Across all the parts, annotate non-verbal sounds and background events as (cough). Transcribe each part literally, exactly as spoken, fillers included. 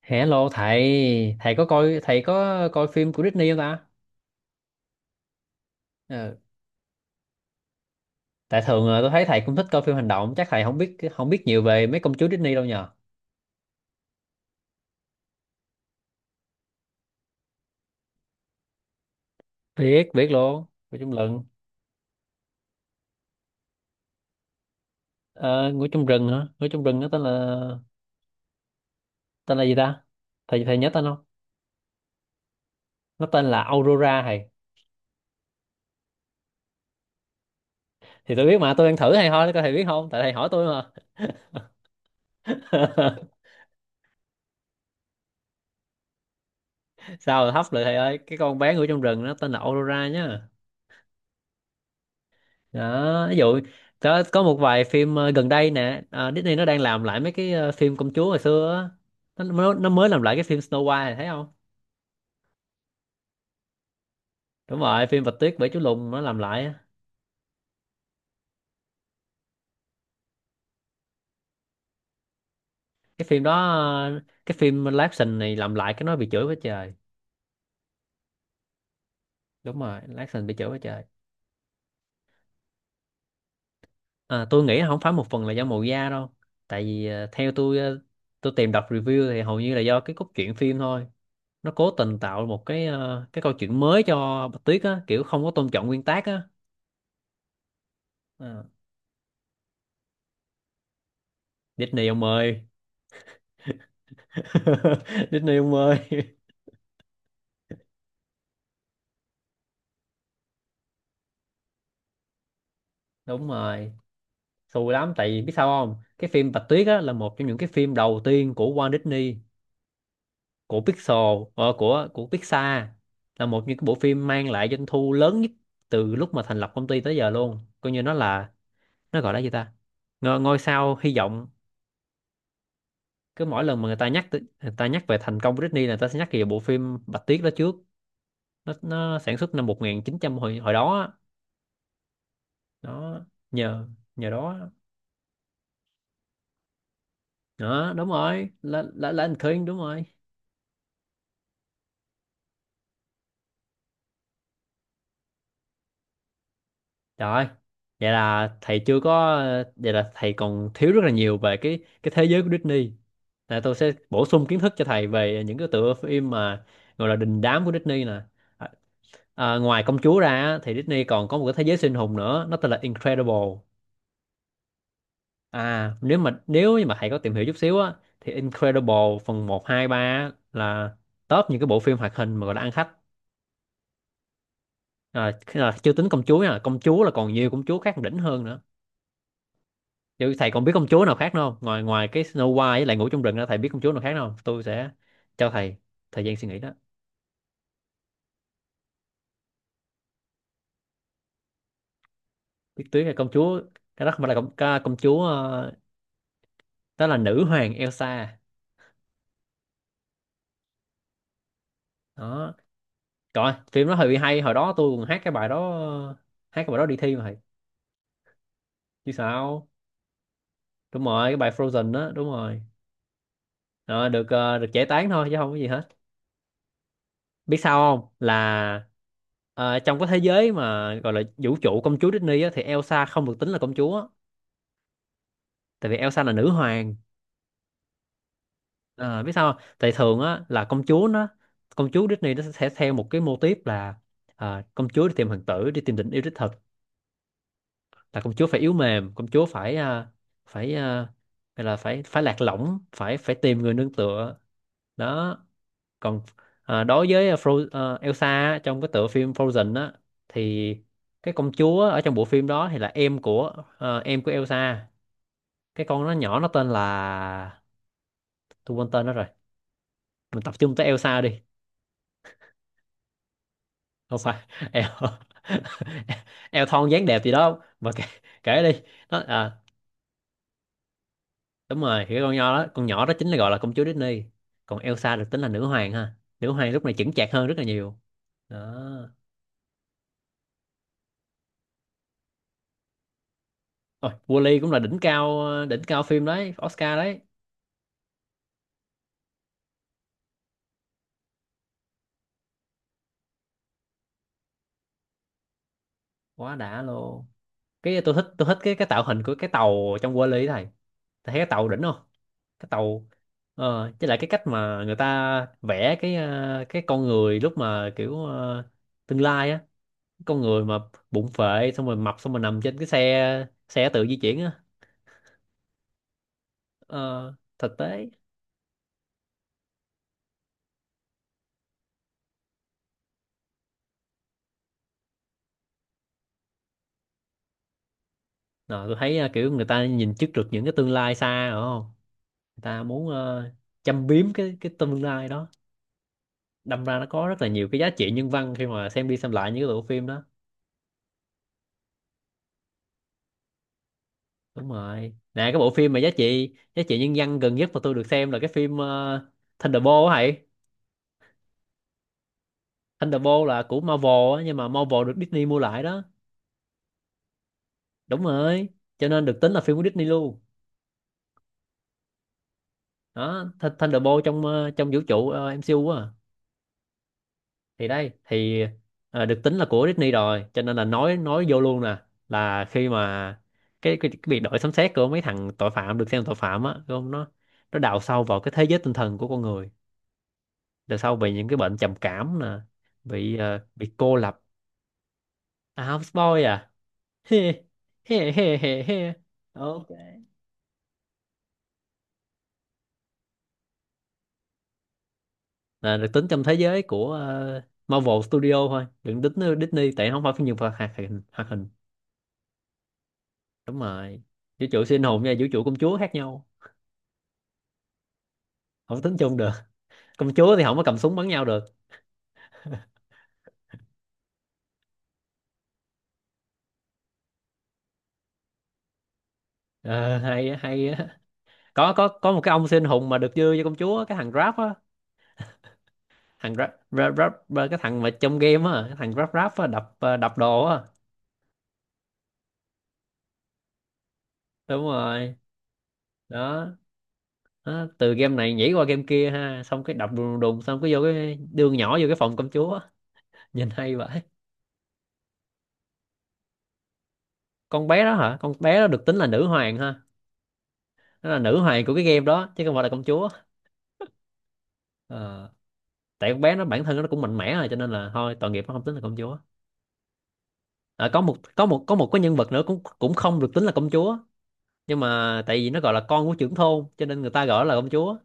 Hello thầy, thầy có coi thầy có coi phim của Disney không ta? Ờ, Tại thường ờ, tôi thấy thầy cũng thích coi phim hành động, chắc thầy không biết không biết nhiều về mấy công chúa Disney đâu nhờ. Biết, biết luôn. Ngủ trong rừng. Ờ, Ngủ trong rừng hả? Ngủ trong rừng nó tên là tên là gì ta? Thầy thầy nhớ tên không? Nó tên là Aurora thầy. Thì tôi biết mà, tôi đang thử thầy thôi, coi thầy biết không? Tại thầy hỏi tôi mà. (laughs) Sao rồi hấp lại thầy ơi, cái con bé ngủ trong rừng nó tên là Aurora nhá. Đó ví dụ, có có một vài phim ờ, gần đây nè, ờ, Disney nó đang làm lại mấy cái ờ, phim công chúa hồi xưa á. Nó, nó nó mới làm lại cái phim Snow White này, thấy không? Đúng rồi, phim Bạch Tuyết Bảy Chú Lùn nó làm lại á. Cái phim đó ờ, cái phim live action này làm lại cái nó bị chửi quá trời. Đúng rồi, live action bị chửi quá trời. Ờ, tôi nghĩ không phải một phần là do màu da đâu, tại vì ờ, theo tôi, ờ, tôi tìm đọc review thì hầu như là do cái cốt truyện phim thôi. Nó cố tình tạo một cái ờ, cái câu chuyện mới cho Bạch Tuyết á, kiểu không có tôn trọng nguyên tác á. Ờ. Disney ông ơi. (laughs) Disney ông ơi. Đúng rồi, xù lắm, tại vì biết sao không, cái phim Bạch Tuyết á là một trong những cái phim đầu tiên của Walt Disney, của Pixar. Ờ, của của Pixar, là một những cái bộ phim mang lại doanh thu lớn nhất từ lúc mà thành lập công ty tới giờ luôn, coi như nó là, nó gọi là gì ta, ngôi, ngôi sao hy vọng. Cứ mỗi lần mà người ta nhắc tới- người ta nhắc về thành công của Disney là người ta sẽ nhắc về bộ phim Bạch Tuyết đó trước. nó nó sản xuất năm một chín không không, hồi hồi đó á. Đó, nhờ nhờ đó, đó đúng rồi, là là là anh Khuyên, đúng rồi. Rồi, vậy là thầy chưa có, vậy là thầy còn thiếu rất là nhiều về cái cái thế giới của Disney. Là tôi sẽ bổ sung kiến thức cho thầy về những cái tựa phim mà gọi là đình đám của Disney nè. à, à, ngoài công chúa ra á, thì Disney còn có một cái thế giới siêu anh hùng nữa, nó tên là Incredible. À, nếu mà nếu như mà thầy có tìm hiểu chút xíu á, thì Incredible phần một hai ba á, là top những cái bộ phim hoạt hình mà gọi là ăn khách. Rồi, khi- rồi, chưa tính công chúa nha, công chúa là còn nhiều công chúa khác đỉnh hơn nữa. Vậy thầy còn biết công chúa nào khác nữa không? Ngoài Ngoài cái Snow White với lại ngủ trong rừng đó, thầy biết công chúa nào khác nữa không? Tôi sẽ cho thầy thời gian suy nghĩ đó. Biết tuyết là công chúa, cái đó không phải là công, ca- công chúa, ờ, đó là nữ hoàng Elsa. Đó. Rồi, phim đó hơi hay, hồi đó tôi còn hát cái bài đó, hát cái bài đó đi thi mà thầy. Chứ sao? Đúng rồi, cái bài Frozen đó, đúng rồi. Rồi, được ờ, được giải tán thôi chứ không có gì hết. Biết sao không, là ờ, trong cái thế giới mà gọi là vũ trụ công chúa Disney á, thì Elsa không được tính là công chúa, tại vì Elsa là nữ hoàng. Ờ, biết sao không? Tại thường á là công chúa nó, công chúa Disney nó sẽ theo một cái mô típ là ờ, công chúa đi tìm hoàng tử, đi tìm tình yêu đích thực, là công chúa phải yếu mềm, công chúa phải ờ, phải ờ, gọi là phải phải lạc lõng, phải phải tìm người nương tựa. Đó. Còn à, đối với ờ, Fro à, Elsa á, trong cái tựa phim Frozen á, thì cái công chúa ở trong bộ phim đó thì là em của à, em của Elsa. Cái con nó nhỏ nó tên là, tôi quên tên nó rồi, mình tập trung tới Elsa đi. Không phải. (laughs) El, El thon dáng đẹp gì đó mà kể, kể đi. Nó à, đúng rồi, thì cái con nhỏ đó, con nhỏ đó chính là gọi là công chúa Disney, còn Elsa được tính là nữ hoàng ha. Nữ hoàng lúc này chững chạc hơn rất là nhiều. Đó. Ôi, Wall-E cũng là đỉnh cao, đỉnh cao phim đấy, Oscar đấy. Quá đã luôn. Cái tôi thích, tôi thích cái cái tạo hình của cái tàu trong Wall-E này. Thầy thấy cái tàu đỉnh không? Cái tàu ờ chứ lại cái cách mà người ta vẽ cái ờ, cái con người lúc mà kiểu ờ, tương lai á, con người mà bụng phệ xong rồi mập xong rồi nằm trên cái xe xe tự di chuyển á. Ờ, thực tế. Ờ, tôi thấy ờ, kiểu người ta nhìn trước được những cái tương lai xa rồi không? Người ta muốn ờ, châm biếm cái cái tương lai đó, đâm ra nó có rất là nhiều cái giá trị nhân văn khi mà xem đi xem lại những cái bộ phim đó. Đúng rồi, nè cái bộ phim mà giá trị giá trị nhân văn gần nhất mà tôi được xem là cái phim uh, Thunderbolt á thầy. Thunderbolt là của Marvel á, nhưng mà Marvel được Disney mua lại đó. Đúng rồi, cho nên được tính là phim của Disney luôn. đó Th- Thunderbolt trong ờ, trong vũ trụ ờ, em xê u á, thì đây thì ờ, được tính là của Disney rồi, cho nên là nói nói vô luôn nè. Là khi mà cái, cái, cái việc đổi sấm sét của mấy thằng tội phạm, được xem là tội phạm á đúng không, nó, nó đào sâu vào cái thế giới tinh thần của con người, đào sâu về những cái bệnh trầm cảm nè, bị ờ, bị cô lập. À houseboy à. (laughs) He he he he he. Ok, là được tính trong thế giới của ờ, Marvel Studio thôi, đừng tính ờ, Disney, tại nó không phải phim nhiều hoạt hoạt hình hoạt hình. Đúng rồi, vũ trụ siêu anh hùng và vũ trụ công chúa khác nhau, không tính chung được. Công chúa thì không có cầm súng bắn nhau được. Ờ, hay á, hay á. Có có có một cái ông siêu anh hùng mà được dư cho công chúa, cái thằng Grab á. Thằng Grab, Grab, Grab, Grab- cái thằng mà trong game á, cái thằng Grab Grab á đập ờ, đập đồ á. Đúng rồi. Đó. Đó từ game này nhảy qua game kia ha, xong cái đập đùng đùng, xong cái vô cái đường nhỏ vô cái phòng công chúa á. Nhìn hay vậy. Con bé đó hả, con bé đó được tính là nữ hoàng ha. Nó là nữ hoàng của cái game đó chứ không phải là công chúa. Ờ, tại con bé nó bản thân nó cũng mạnh mẽ rồi, cho nên là thôi tội nghiệp, nó không tính là công chúa. Ờ, có một có một có một cái nhân vật nữa cũng cũng không được tính là công chúa, nhưng mà tại vì nó gọi là con của trưởng thôn cho nên người ta gọi là công chúa.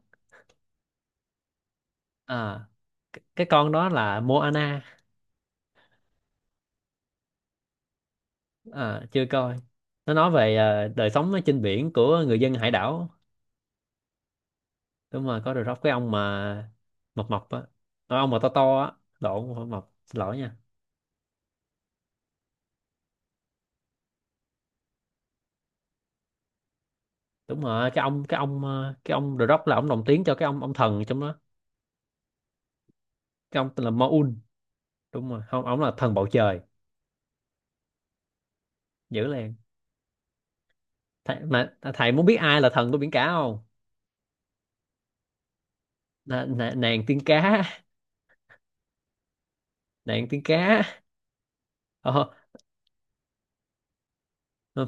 À cái, cái con đó là Moana. À, chưa coi. Nó nói về ờ, đời sống ở trên biển của người dân hải đảo. Đúng rồi, có được cái ông mà mập mập á. Ờ, ông mà to to á. Lộn, không phải mập, xin lỗi nha. Đúng rồi, cái ông cái ông ờ, cái ông The Rock là ông đồng tiếng cho cái ông ông thần trong đó. Cái ông tên là Maun. Đúng rồi không, ông là thần bầu trời. Dữ liền. Thầy, mà thầy muốn biết ai là thần của biển cả không? N- n- nàng tiên cá. Nàng tiên cá. Oh,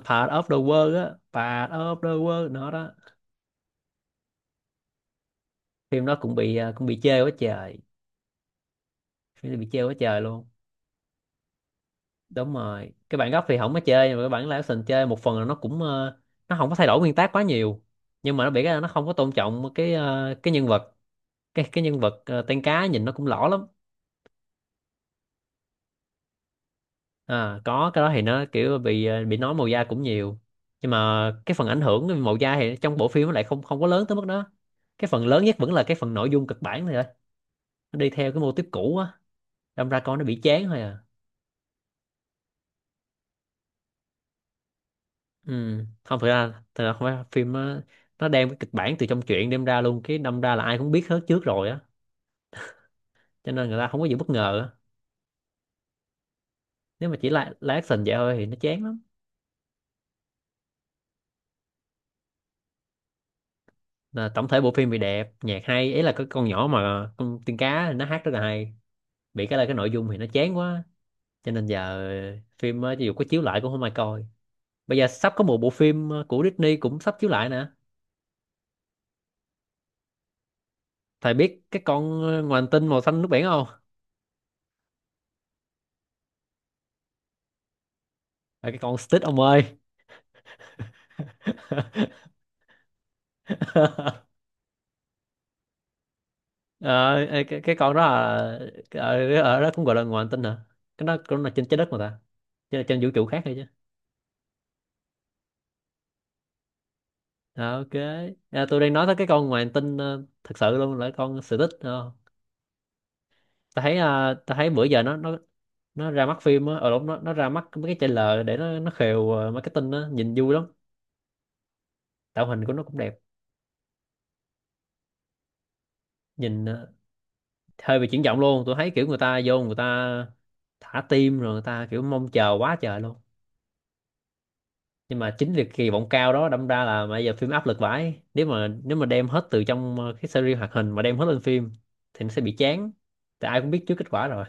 part of the world á. Part of the world nó đó. Phim đó cũng bị à, cũng bị chê quá trời. Phim đó bị chê quá trời luôn. Đúng rồi, cái bản gốc thì không có chơi, nhưng mà cái bản live action chơi, một phần là nó cũng ờ, nó không có thay đổi nguyên tác quá nhiều, nhưng mà nó bị cái là nó không có tôn trọng cái ờ, cái nhân vật. Cái cái nhân vật ờ, tiên cá nhìn nó cũng lõ lắm. À, có cái đó thì nó kiểu bị ờ, bị nói màu da cũng nhiều, nhưng mà cái phần ảnh hưởng màu da thì trong bộ phim nó lại không, không có lớn tới mức đó. Cái phần lớn nhất vẫn là cái phần nội dung kịch bản thôi, nó đi theo cái mô típ cũ á, đâm ra coi nó bị chán thôi à. Ừ. Không, thực ra thực ra không phải phim nó, nó đem cái kịch bản từ trong truyện đem ra luôn, cái đâm ra là ai cũng biết hết trước rồi á, cho nên người ta không có gì bất ngờ á. Nếu mà chỉ là, là action vậy thôi thì nó chán lắm. Là tổng thể bộ phim thì đẹp, nhạc hay, ý là cái con nhỏ mà con tiên cá thì nó hát rất là hay, bị cái là cái nội dung thì nó chán quá, cho nên giờ phim ờ, dù có chiếu lại cũng không ai coi. Bây giờ sắp có một bộ phim ờ, của Disney cũng sắp chiếu lại nè. Thầy biết cái con ờ, ngoài hành tinh màu xanh nước biển không? À, cái con Stitch ông ơi. (laughs) Ờ, ê, cái, cái con đó là ở, ở đó cũng gọi là ngoài hành tinh hả? Cái đó cũng là trên trái đất mà ta, chứ là trên vũ trụ khác hay chứ. Ờ, ok. À, tôi đang nói tới cái con ngoài hành tinh ờ, thật sự luôn là con Stitch. Ờ. Ta thấy ờ, ta thấy bữa giờ nó nó nó ra mắt phim á, ở lúc nó nó ra mắt mấy cái trailer để nó nó khều ờ, marketing á, nhìn vui lắm. Tạo hình của nó cũng đẹp, nhìn ờ, hơi bị chuyển động luôn, tôi thấy kiểu người ta vô, người ta thả tim rồi, người ta kiểu mong chờ quá trời luôn. Nhưng mà chính việc kỳ vọng cao đó đâm ra là bây giờ phim áp lực vãi, nếu mà nếu mà đem hết từ trong ờ, cái series hoạt hình mà đem hết lên phim, thì nó sẽ bị chán, tại ai cũng biết trước kết quả rồi.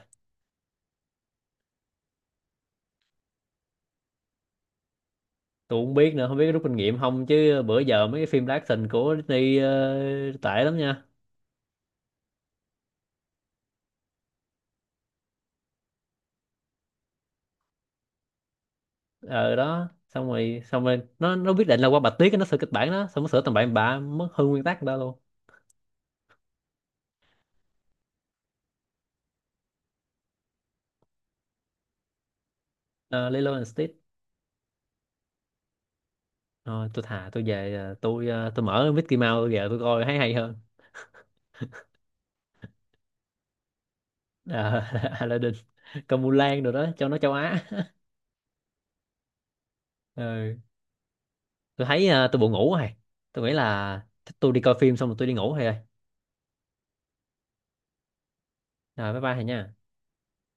Tôi cũng biết nữa, không biết có rút kinh nghiệm không, chứ bữa giờ mấy cái phim live action của Disney ờ, tệ lắm nha. Ờ đó, xong rồi xong rồi nó nó quyết định là qua bạch tuyết nó sửa kịch bản đó, xong nó sửa tầm bậy bạ mất hư nguyên tắc đó luôn. uh, Lilo and Stitch. Thôi tôi thà tôi về ờ, tôi ờ, tôi mở Mickey Mouse tôi về tôi coi thấy hay hơn. Ờ, (laughs) Aladdin, Công Vu, rồi đó cho nó châu Á. Ừ. Tôi thấy ờ, tôi buồn ngủ rồi. Tôi nghĩ là chắc tôi đi coi phim xong rồi tôi đi ngủ thôi. Rồi bye bye thầy nha.